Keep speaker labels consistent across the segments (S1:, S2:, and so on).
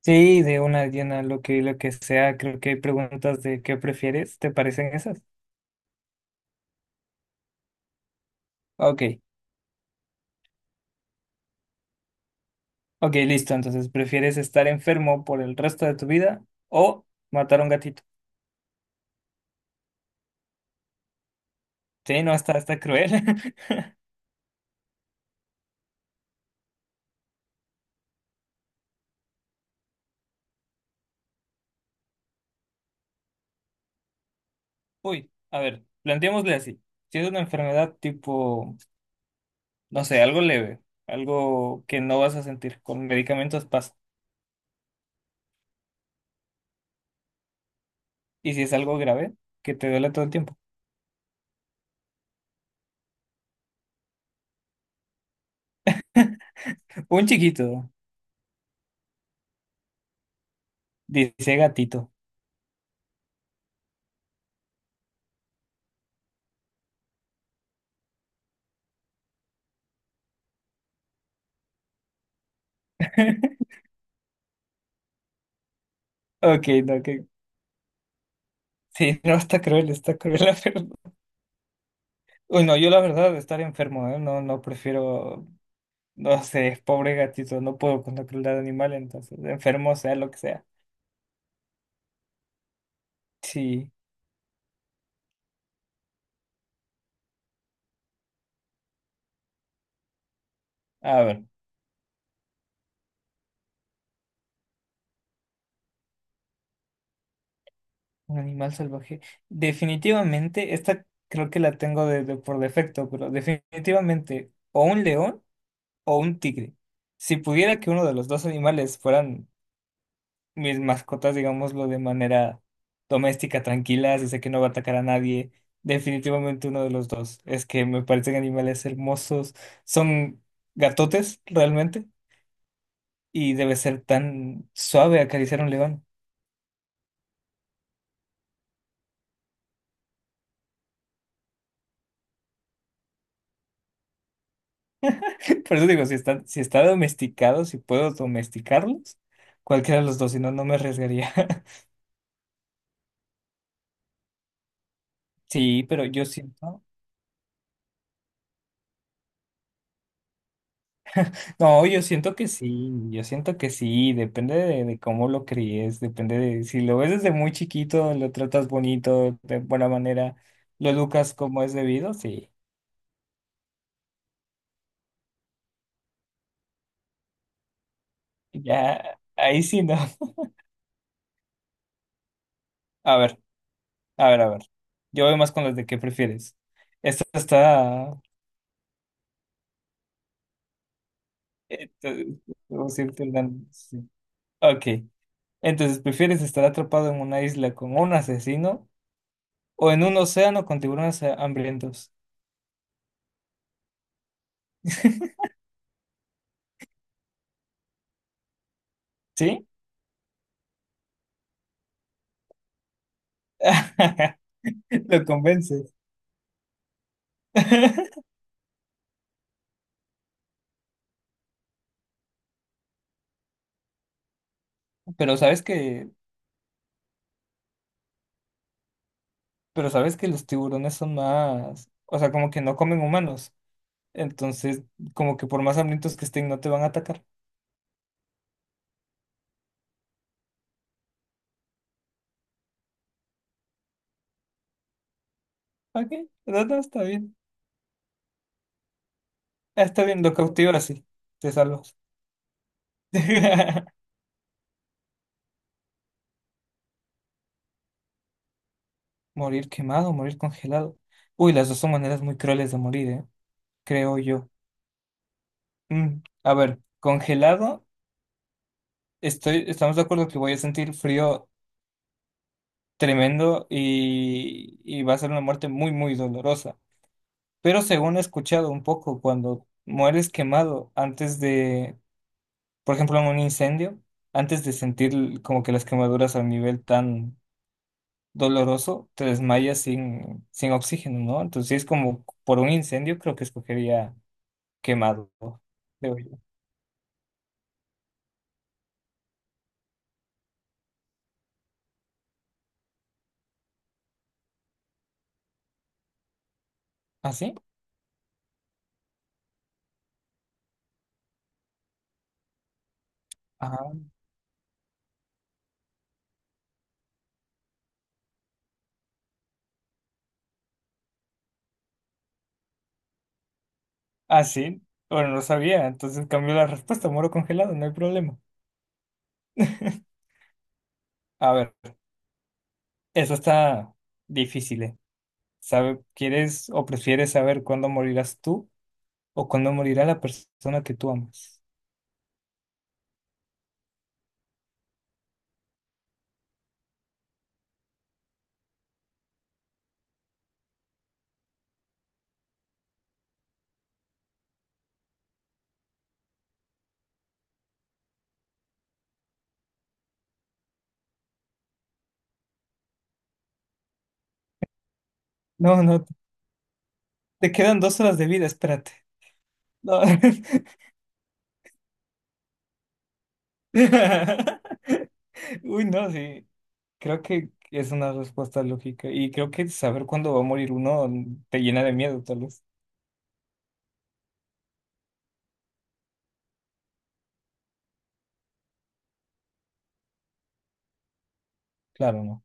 S1: Sí, de una llena, lo que sea, creo que hay preguntas de qué prefieres, ¿te parecen esas? Ok, ok, listo, entonces, ¿prefieres estar enfermo por el resto de tu vida o matar a un gatito? Sí, no, está cruel. Uy, a ver, planteémosle así, si es una enfermedad tipo, no sé, algo leve, algo que no vas a sentir, con medicamentos pasa, y si es algo grave, que te duele todo el tiempo. Un chiquito, dice gatito. Ok, no, sí, no, está cruel, la verdad. Uy, no, yo la verdad, estar enfermo, ¿eh? No, no prefiero, no sé, pobre gatito, no puedo con la crueldad animal, entonces, enfermo sea lo que sea. Sí, a ver, un animal salvaje. Definitivamente, esta creo que la tengo por defecto, pero definitivamente, o un león o un tigre. Si pudiera que uno de los dos animales fueran mis mascotas, digámoslo de manera doméstica, tranquilas, y sé que no va a atacar a nadie. Definitivamente uno de los dos. Es que me parecen animales hermosos. Son gatotes realmente y debe ser tan suave acariciar a un león. Por eso digo, si está domesticado, si puedo domesticarlos, cualquiera de los dos, si no, no me arriesgaría. Sí, pero yo siento. No, yo siento que sí, yo siento que sí, depende de cómo lo críes, depende de si lo ves desde muy chiquito, lo tratas bonito, de buena manera, lo educas como es debido, sí, ya, ahí sí no. A ver, a ver, a ver, yo voy más con las de qué prefieres. Esta está, esta- debo decirte una- Sí. Ok, entonces, ¿prefieres estar atrapado en una isla con un asesino o en un océano con tiburones hambrientos? ¿Sí? Lo convence. Pero sabes que, pero sabes que los tiburones son más, o sea, como que no comen humanos. Entonces, como que por más hambrientos que estén, no te van a atacar. Ok, no, no, está bien. Ah, está bien, lo cautivo así. Te salvas. Morir quemado, morir congelado. Uy, las dos son maneras muy crueles de morir, ¿eh? Creo yo. Mm, A ver, congelado, estamos de acuerdo que voy a sentir frío tremendo y va a ser una muerte muy, muy dolorosa. Pero según he escuchado un poco, cuando mueres quemado antes de, por ejemplo, en un incendio, antes de sentir como que las quemaduras a un nivel tan doloroso, te desmayas sin oxígeno, ¿no? Entonces, si es como por un incendio, creo que escogería quemado, creo yo. ¿Ah, sí? Ajá. ¿Ah, sí? Bueno, no sabía, entonces cambió la respuesta, muero congelado, no hay problema. A ver, eso está difícil, ¿eh? ¿Quieres o prefieres saber cuándo morirás tú o cuando morirá la persona que tú amas. No, no, te quedan dos horas de vida, espérate. No. Uy, no, sí, creo que es una respuesta lógica y creo que saber cuándo va a morir uno te llena de miedo, tal vez. Claro, no.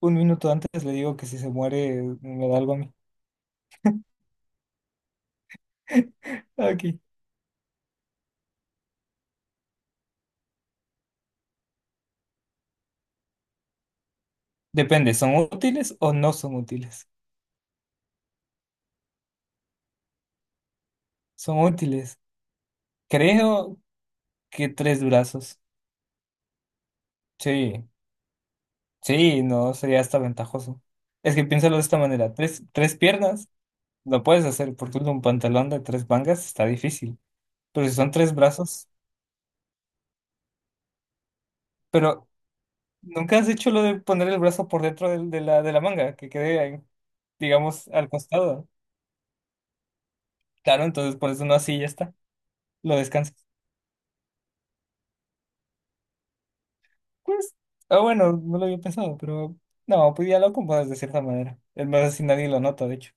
S1: Un minuto antes le digo que si se muere me da algo a mí. Aquí. Depende, ¿son útiles o no son útiles? Son útiles. Creo que tres durazos. Sí. Sí, no, sería hasta ventajoso. Es que piénsalo de esta manera, tres piernas lo puedes hacer porque un pantalón de tres mangas está difícil, pero si son tres brazos, pero nunca has hecho lo de poner el brazo por dentro de la manga, que quede, ahí, digamos, al costado. Claro, entonces por eso no así ya está, lo descansas. Pues, ah, bueno, no lo había pensado, pero no, pues ya lo acomodas de cierta manera. Es más, así nadie lo nota, de hecho,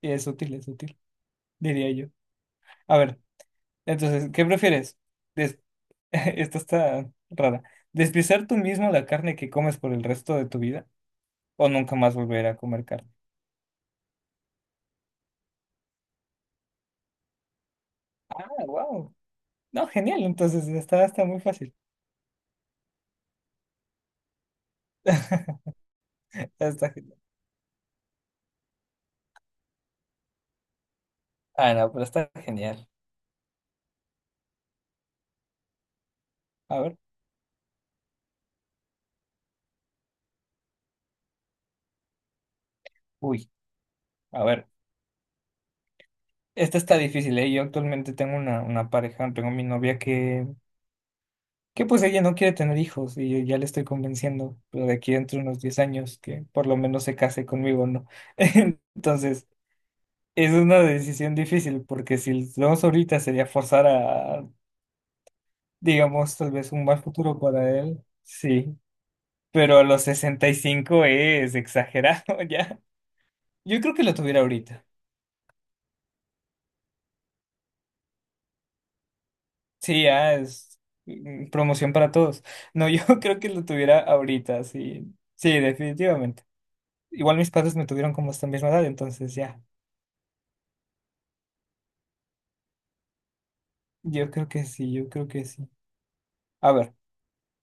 S1: y es útil, diría yo. A ver, entonces, ¿qué prefieres? Esto está rara. ¿Despiezar tú mismo la carne que comes por el resto de tu vida o nunca más volver a comer carne? Ah, wow. No, genial. Entonces está muy fácil. Está genial. Ah, no, pero está genial. A ver. Uy, a ver. Esta está difícil, ¿eh? Yo actualmente tengo una pareja, tengo mi novia que pues ella no quiere tener hijos y yo ya le estoy convenciendo, pero de aquí dentro de unos 10 años que por lo menos se case conmigo, ¿no? Entonces... Es una decisión difícil porque si lo vemos ahorita sería forzar a, digamos, tal vez un mal futuro para él. Sí, pero a los 65 es exagerado ya. Yo creo que lo tuviera ahorita. Sí, ya es promoción para todos. No, yo creo que lo tuviera ahorita, sí. Sí, definitivamente. Igual mis padres me tuvieron como esta misma edad, entonces ya. Yo creo que sí, yo creo que sí. A ver,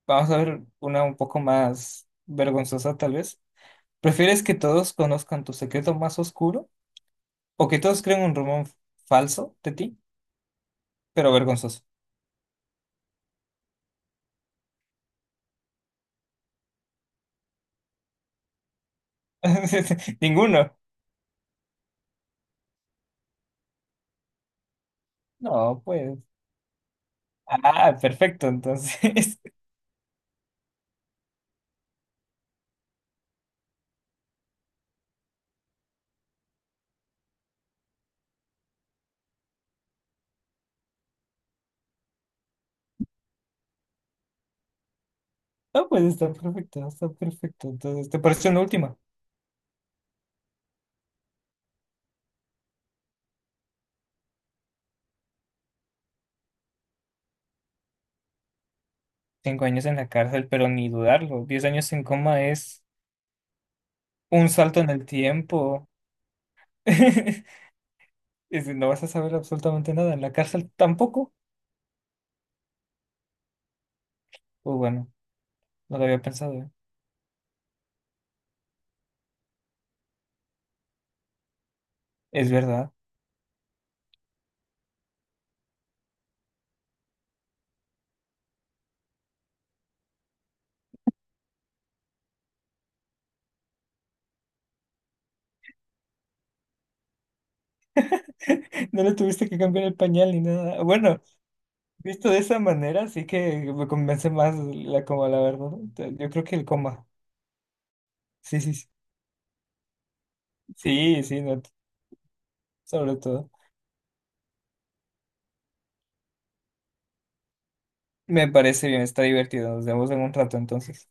S1: vamos a ver una un poco más vergonzosa tal vez. ¿Prefieres que todos conozcan tu secreto más oscuro o que todos creen un rumor falso de ti, pero vergonzoso? Ninguno. No, pues. Ah, perfecto, entonces. No, pues está perfecto, está perfecto. Entonces, ¿te parece una última? 5 años en la cárcel, pero ni dudarlo. 10 años en coma es un salto en el tiempo. No vas a saber absolutamente nada. En la cárcel tampoco. Pues bueno, no lo había pensado. ¿Eh? Es verdad. No le tuviste que cambiar el pañal ni nada. Bueno, visto de esa manera, sí que me convence más la coma, la verdad. Yo creo que el coma. Sí, sí, sí. Sí, sí, no, sobre todo. Me parece bien, está divertido. Nos vemos en un rato entonces.